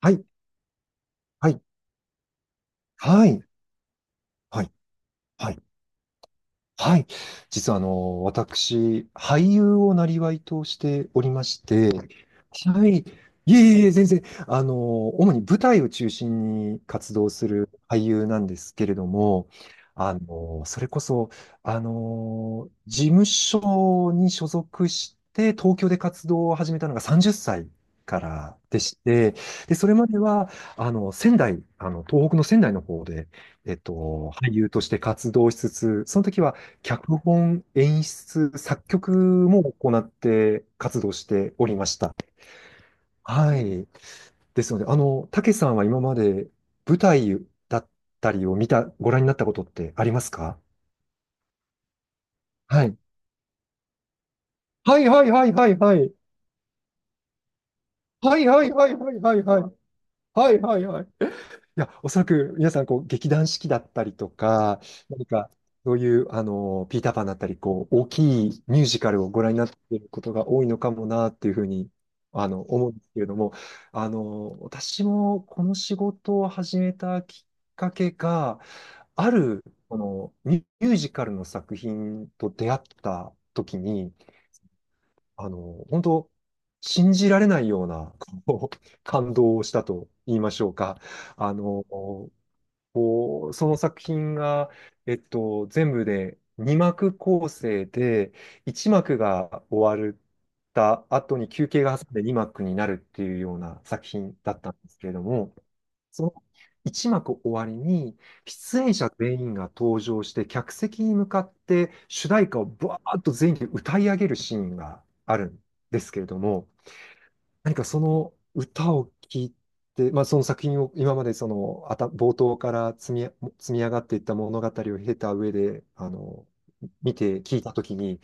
はい、はい、はい、はい、はい。はい。実は私、俳優をなりわいとしておりまして、はい。いえいえ、全然。主に舞台を中心に活動する俳優なんですけれども、それこそ、事務所に所属して、東京で活動を始めたのが30歳からでして、で、それまでは、仙台、東北の仙台の方で、俳優として活動しつつ、その時は、脚本、演出、作曲も行って活動しておりました。はい。ですので、たけさんは今まで舞台だったりを見た、ご覧になったことってありますか？はい。はいはいはいはいはい。はいはいはいはいはいはい。はいはいはい。いや、おそらく皆さん、こう、劇団四季だったりとか、何か、そういう、ピーターパンだったり、こう、大きいミュージカルをご覧になっていることが多いのかもな、っていうふうに、思うんですけれども、私もこの仕事を始めたきっかけが、ある、この、ミュージカルの作品と出会った時に、本当信じられないような、こう、感動をしたと言いましょうか。あの、こう、その作品が、全部で2幕構成で、1幕が終わった後に休憩が挟んで2幕になるっていうような作品だったんですけれども、その1幕終わりに、出演者全員が登場して、客席に向かって主題歌をバーッと全員で歌い上げるシーンがあるんですけれども、何かその歌を聴いて、まあ、その作品を今までその冒頭から積み上がっていった物語を経た上で、見て聞いたときに、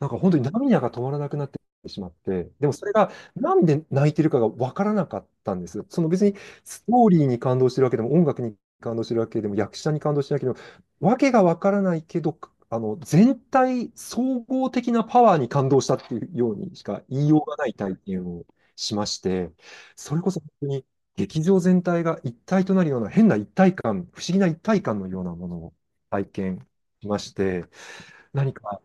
なんか本当に涙が止まらなくなってしまって、でもそれがなんで泣いてるかがわからなかったんです。その別にストーリーに感動してるわけでも、音楽に感動してるわけでも、役者に感動してるわけでも、わけがわからないけど、全体、総合的なパワーに感動したっていうようにしか言いようがない体験をしまして、それこそ本当に劇場全体が一体となるような変な一体感、不思議な一体感のようなものを体験しまして、何か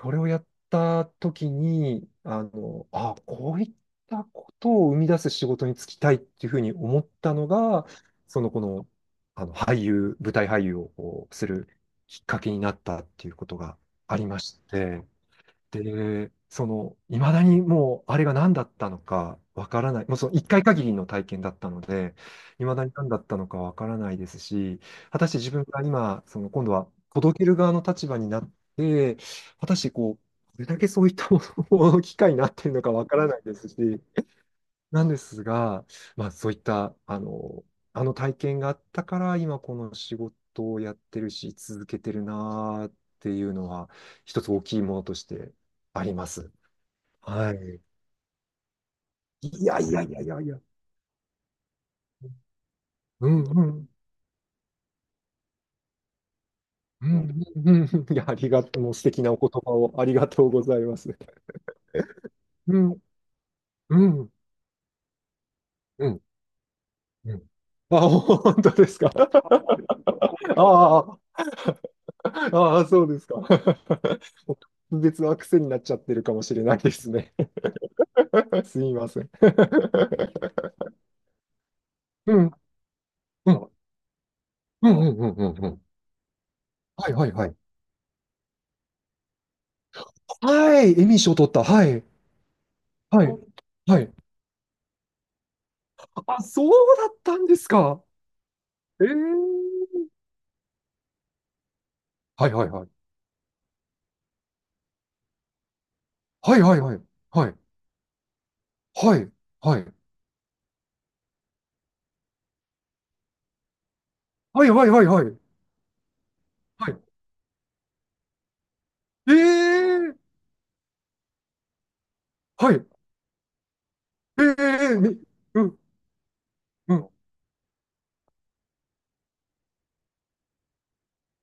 それをやった時に、あ、こういったことを生み出す仕事に就きたいっていうふうに思ったのが、この、あの俳優、舞台俳優をこうするきっかけになったっていうことがありまして、で、その、いまだにもう、あれが何だったのかわからない。もうその一回限りの体験だったので、いまだに何だったのかわからないですし、果たして自分が今、その、今度は届ける側の立場になって、果たしてこう、どれだけそういったものを機会になっているのかわからないですし、なんですが、まあ、そういった、あの体験があったから、今この仕事をやってるし、続けてるなーっていうのは、一つ大きいものとしてあります。はい。いやいやいやいやいや。うんうん。うんうんうん。いや、ありがとう。もう素敵なお言葉をありがとうございます。うんうんうんうん。あ、本当ですか。ああ、ああ、そうですか。もう別の癖になっちゃってるかもしれないですね。すみません。うん、うん、うん、うん、うん、うん。うん。はいはいはい。はい、エミー賞取った。はい、はい、はい。あ、そうだったんですか。ええ、はいはいはい。はいはいはい。はい、はい、はい。はいはいはいはい。はい。ええ、はい。ええ、うん、うん。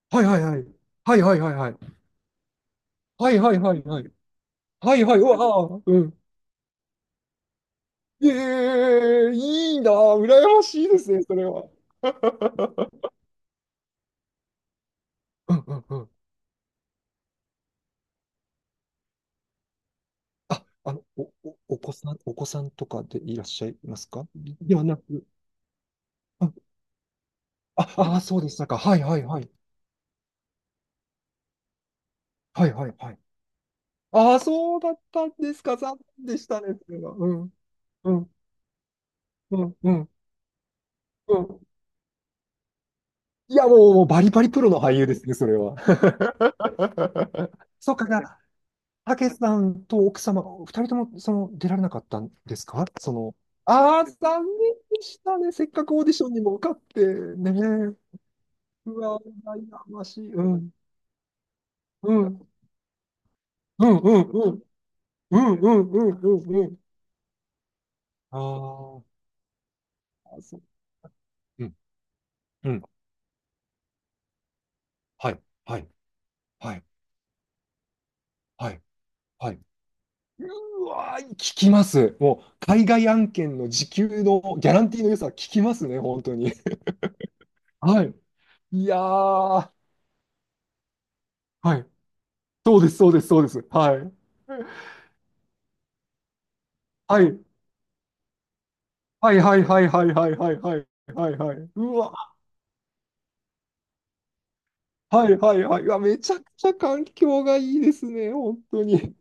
はいはいはい。はいはいはいはい。はいはいはいはい。はいはい、うわあ、うん。ええ、いいな、羨ましいですね、それは。うんうんうん。あ、お子さんとかでいらっしゃいますかではなく。あ、あ、そうでしたか。はいはいはい。はいはいはい。ああ、そうだったんですか。残念でしたね、それは。うん、うん、うん、うん、うん。いや、もうバリバリプロの俳優ですね、それは。そうか、たけさんと奥様が、二人ともその出られなかったんですか？ああ、残念でしたね。せっかくオーディションにも受かってね。うわ、羨ましい。うん、うん、うん、うん、うん、うん、うん、うん、うん。うん、あー、あ、そう。うん、うん。はい、はい、はい、はい、はい。うわー、聞きます。もう、海外案件の時給のギャランティーの良さ聞きますね、本当に。はい。いやー、はい。そうです、そうです、そうです。はい。はい。はいはいはいはいはいはいはいはいはい。うわ、はいはいはい。うわ、めちゃくちゃ環境がいいですね、本当に。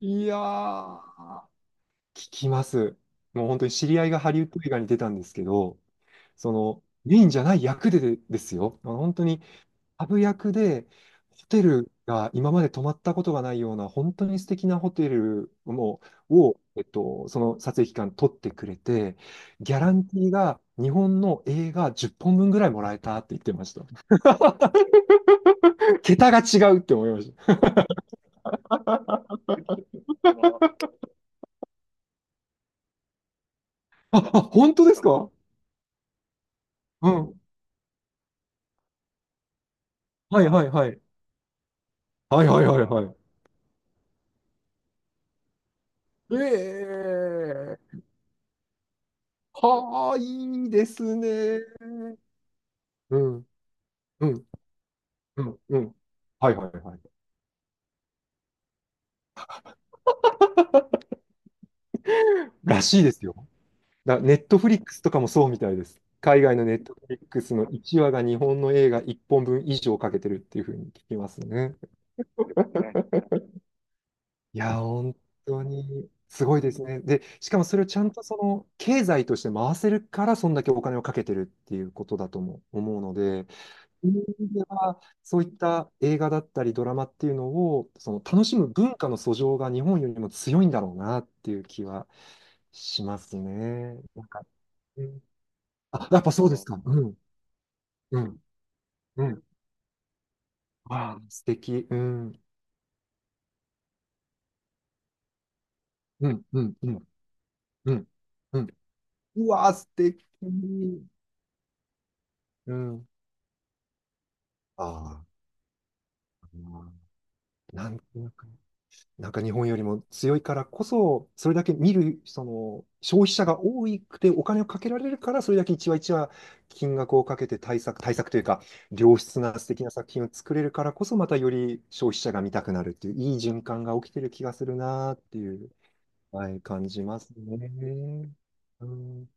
いやー、聞きます。もう本当に知り合いがハリウッド映画に出たんですけど、その、メインじゃない役でですよ。本当にハブ役で、ホテルが今まで泊まったことがないような、本当に素敵なホテルもを、その撮影期間取ってくれて、ギャランティーが日本の映画10本分ぐらいもらえたって言ってました。桁が違うって思いました。あ、本当ですか？うん。はいはいはい。はいはいはいはい。ええ、はあ、いいですね。うん、うん、うん、うん。はいはいはい。らしいですよ。ネットフリックスとかもそうみたいです。海外のネットフリックスの1話が日本の映画1本分以上かけてるっていうふうに聞きますね。いや、本当にすごいですね。で、しかもそれをちゃんとその経済として回せるから、そんだけお金をかけてるっていうことだとも思うので、そういう意味ではそういった映画だったりドラマっていうのを、その楽しむ文化の素性が日本よりも強いんだろうなっていう気はしますね。なんか、うん、あ、やっぱそうですか。うん。うん、うん。わあ、素敵。うん、うん、うん、うん、うん。うん。うわあ、素敵。うん。ああ、なんとなく、なんか日本よりも強いからこそ、それだけ見る、その、消費者が多くてお金をかけられるから、それだけ一話一話金額をかけて対策、対策というか、良質な素敵な作品を作れるからこそ、またより消費者が見たくなるっていう、いい循環が起きてる気がするなーっていう、はい、感じますね。うん。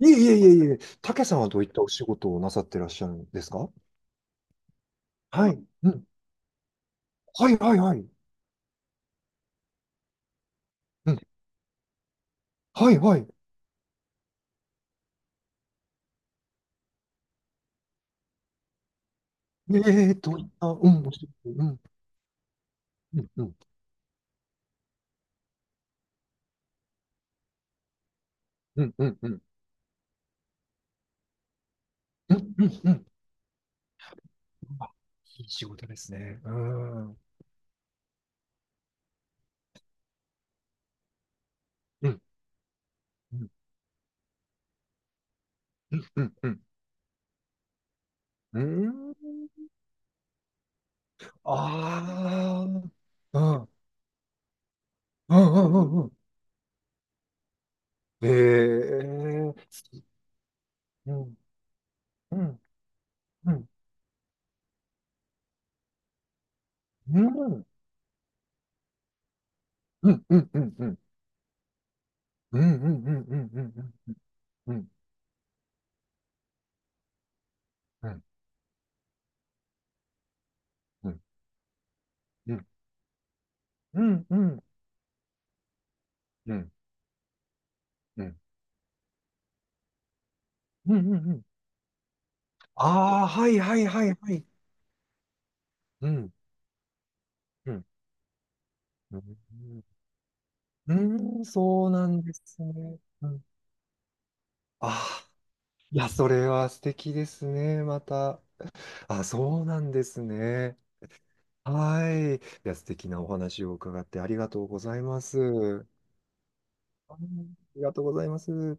いえいえいえいえ、たさんはどういったお仕事をなさってらっしゃるんですか？はい。うん。はいはいはい。うん。はいはい。ええ、どう、うん、お仕事、うん、うん、うん、うん、うん、うん、うん、うん、うん。あ、仕事ですね。うん、うん、うん、うん、うん、うん。うん。ああ、うん、うん、うん、うん。うん。ええ、うん、うん、うん、うん、うん、うん、うん、うん、うん、うん、うん、うん、うん、うん、うん、うん。うん、うん、うん、うん、うん、うん、うん。うん。ああ、はい、はい、はい、はい。うん、うん、うん、うん、そうなんですね。うん、ああ、いや、それは素敵ですね、また。あ、そうなんですね。はい。いや、素敵なお話を伺ってありがとうございます。はい。ありがとうございます。